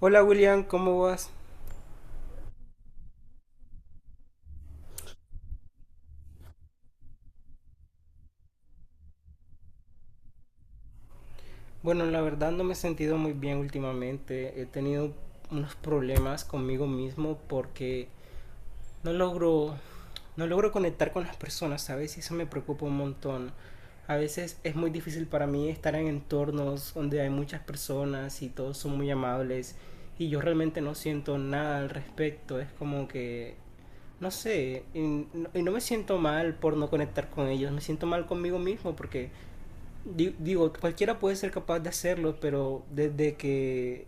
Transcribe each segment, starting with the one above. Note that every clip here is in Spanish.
Hola William, ¿cómo vas? Bueno, la verdad no me he sentido muy bien últimamente. He tenido unos problemas conmigo mismo porque no logro, no logro conectar con las personas, ¿sabes? Y eso me preocupa un montón. A veces es muy difícil para mí estar en entornos donde hay muchas personas y todos son muy amables, y yo realmente no siento nada al respecto. Es como que, no sé, y no me siento mal por no conectar con ellos, me siento mal conmigo mismo porque digo, cualquiera puede ser capaz de hacerlo, pero desde que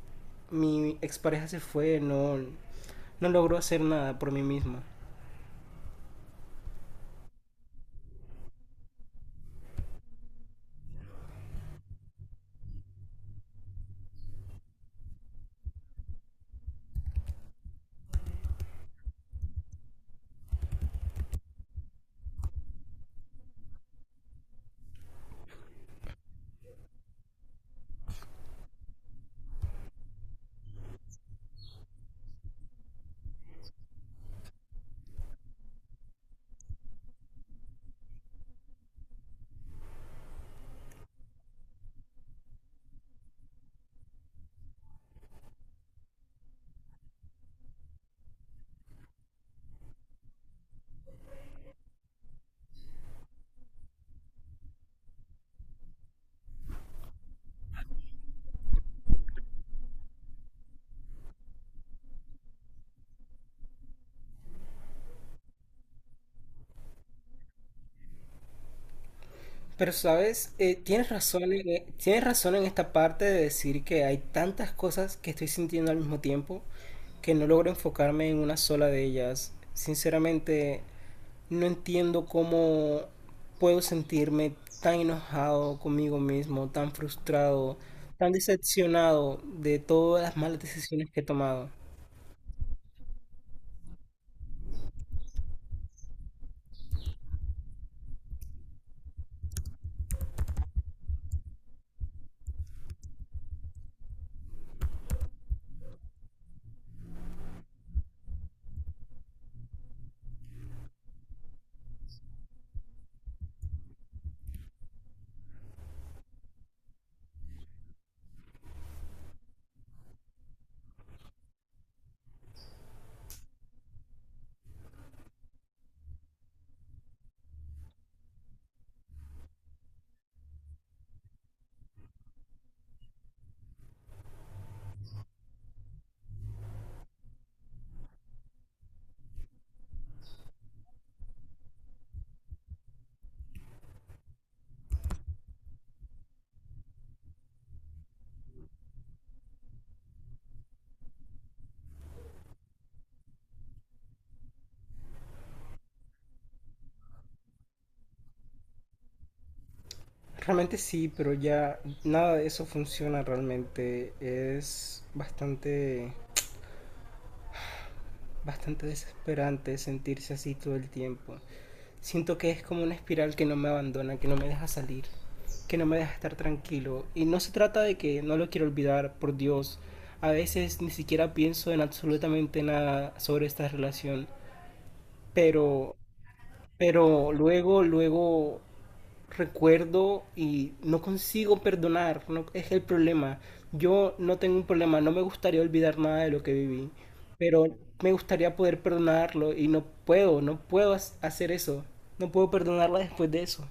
mi expareja se fue, no, no logró hacer nada por mí misma. Pero sabes, tienes razón en esta parte de decir que hay tantas cosas que estoy sintiendo al mismo tiempo que no logro enfocarme en una sola de ellas. Sinceramente, no entiendo cómo puedo sentirme tan enojado conmigo mismo, tan frustrado, tan decepcionado de todas las malas decisiones que he tomado. Realmente sí, pero ya nada de eso funciona realmente. Es bastante desesperante sentirse así todo el tiempo. Siento que es como una espiral que no me abandona, que no me deja salir, que no me deja estar tranquilo. Y no se trata de que no lo quiero olvidar, por Dios. A veces ni siquiera pienso en absolutamente nada sobre esta relación. Pero, pero luego recuerdo y no consigo perdonar, no, es el problema. Yo no tengo un problema, no me gustaría olvidar nada de lo que viví, pero me gustaría poder perdonarlo y no puedo, hacer eso, no puedo perdonarla después de eso.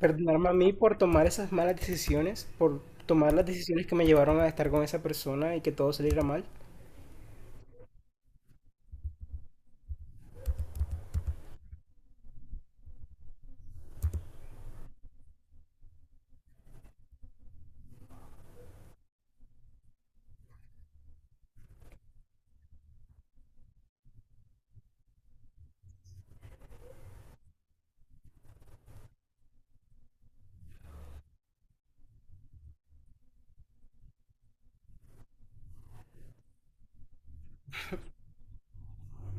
Perdonarme a mí por tomar esas malas decisiones, por tomar las decisiones que me llevaron a estar con esa persona y que todo saliera mal.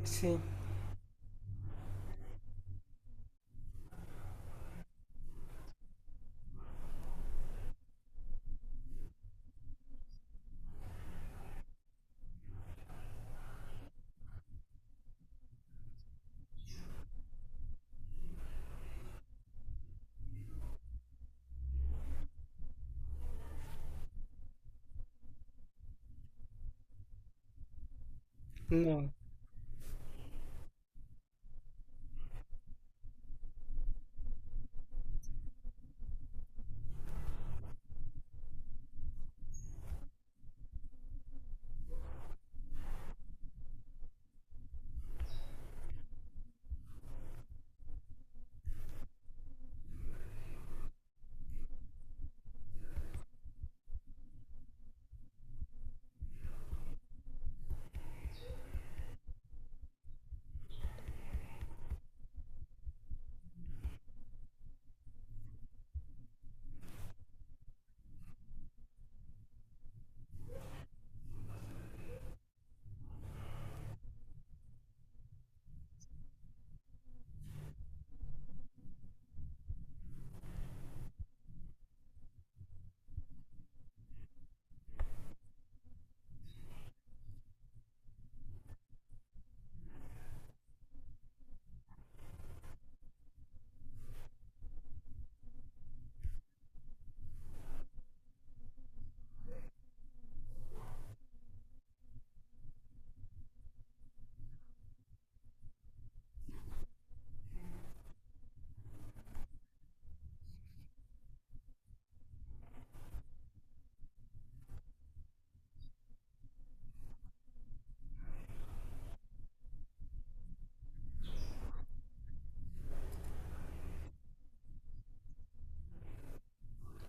Sí, no.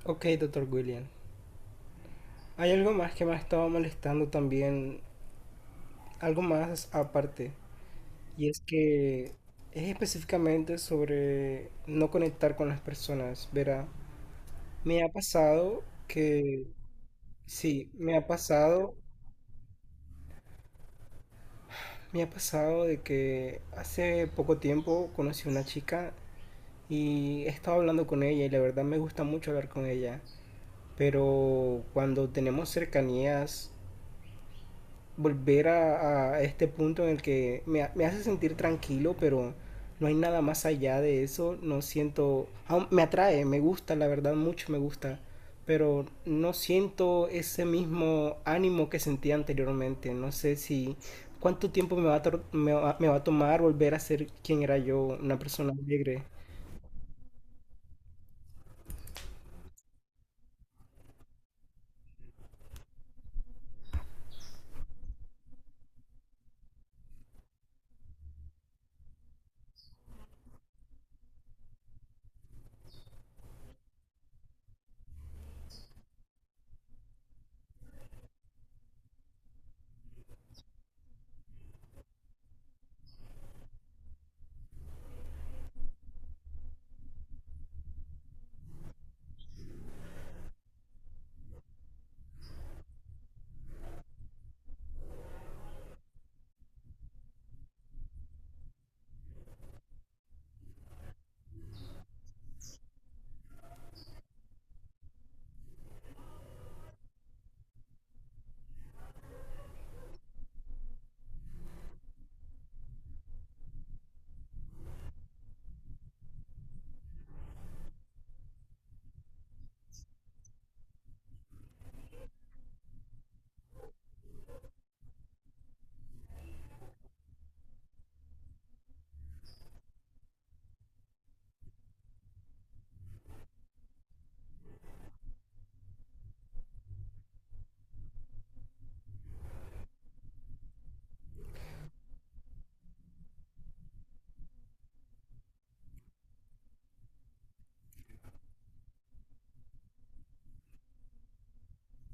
Ok, doctor William. Hay algo más que me ha estado molestando también, algo más aparte. Y es que es específicamente sobre no conectar con las personas, verá. Me ha pasado que, sí, me ha pasado de que hace poco tiempo conocí a una chica y he estado hablando con ella y la verdad me gusta mucho hablar con ella, pero cuando tenemos cercanías volver a este punto en el que me hace sentir tranquilo, pero no hay nada más allá de eso. No siento, aún me atrae, me gusta, la verdad, mucho me gusta, pero no siento ese mismo ánimo que sentía anteriormente. No sé si cuánto tiempo me va a, me va a tomar volver a ser quien era yo, una persona alegre.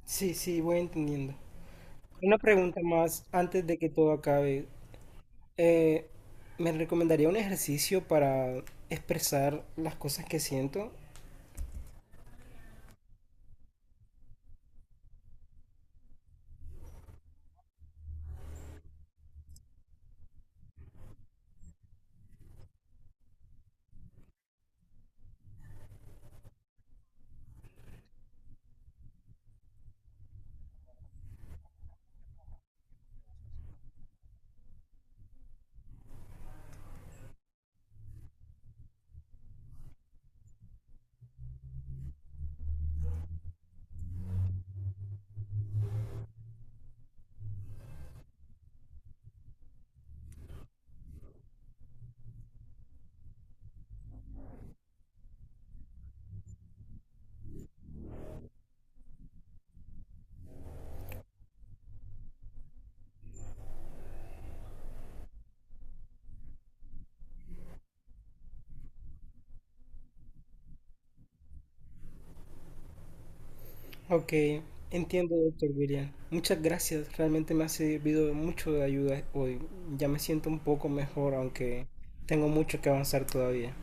Sí, sí, voy entendiendo. Una pregunta más antes de que todo acabe. Eh, me recomendaría un ejercicio para expresar las cosas que siento. Ok, entiendo, doctor William. Muchas gracias, realmente me ha servido mucho de ayuda hoy. Ya me siento un poco mejor, aunque tengo mucho que avanzar todavía.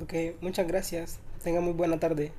Ok, muchas gracias. Tenga muy buena tarde.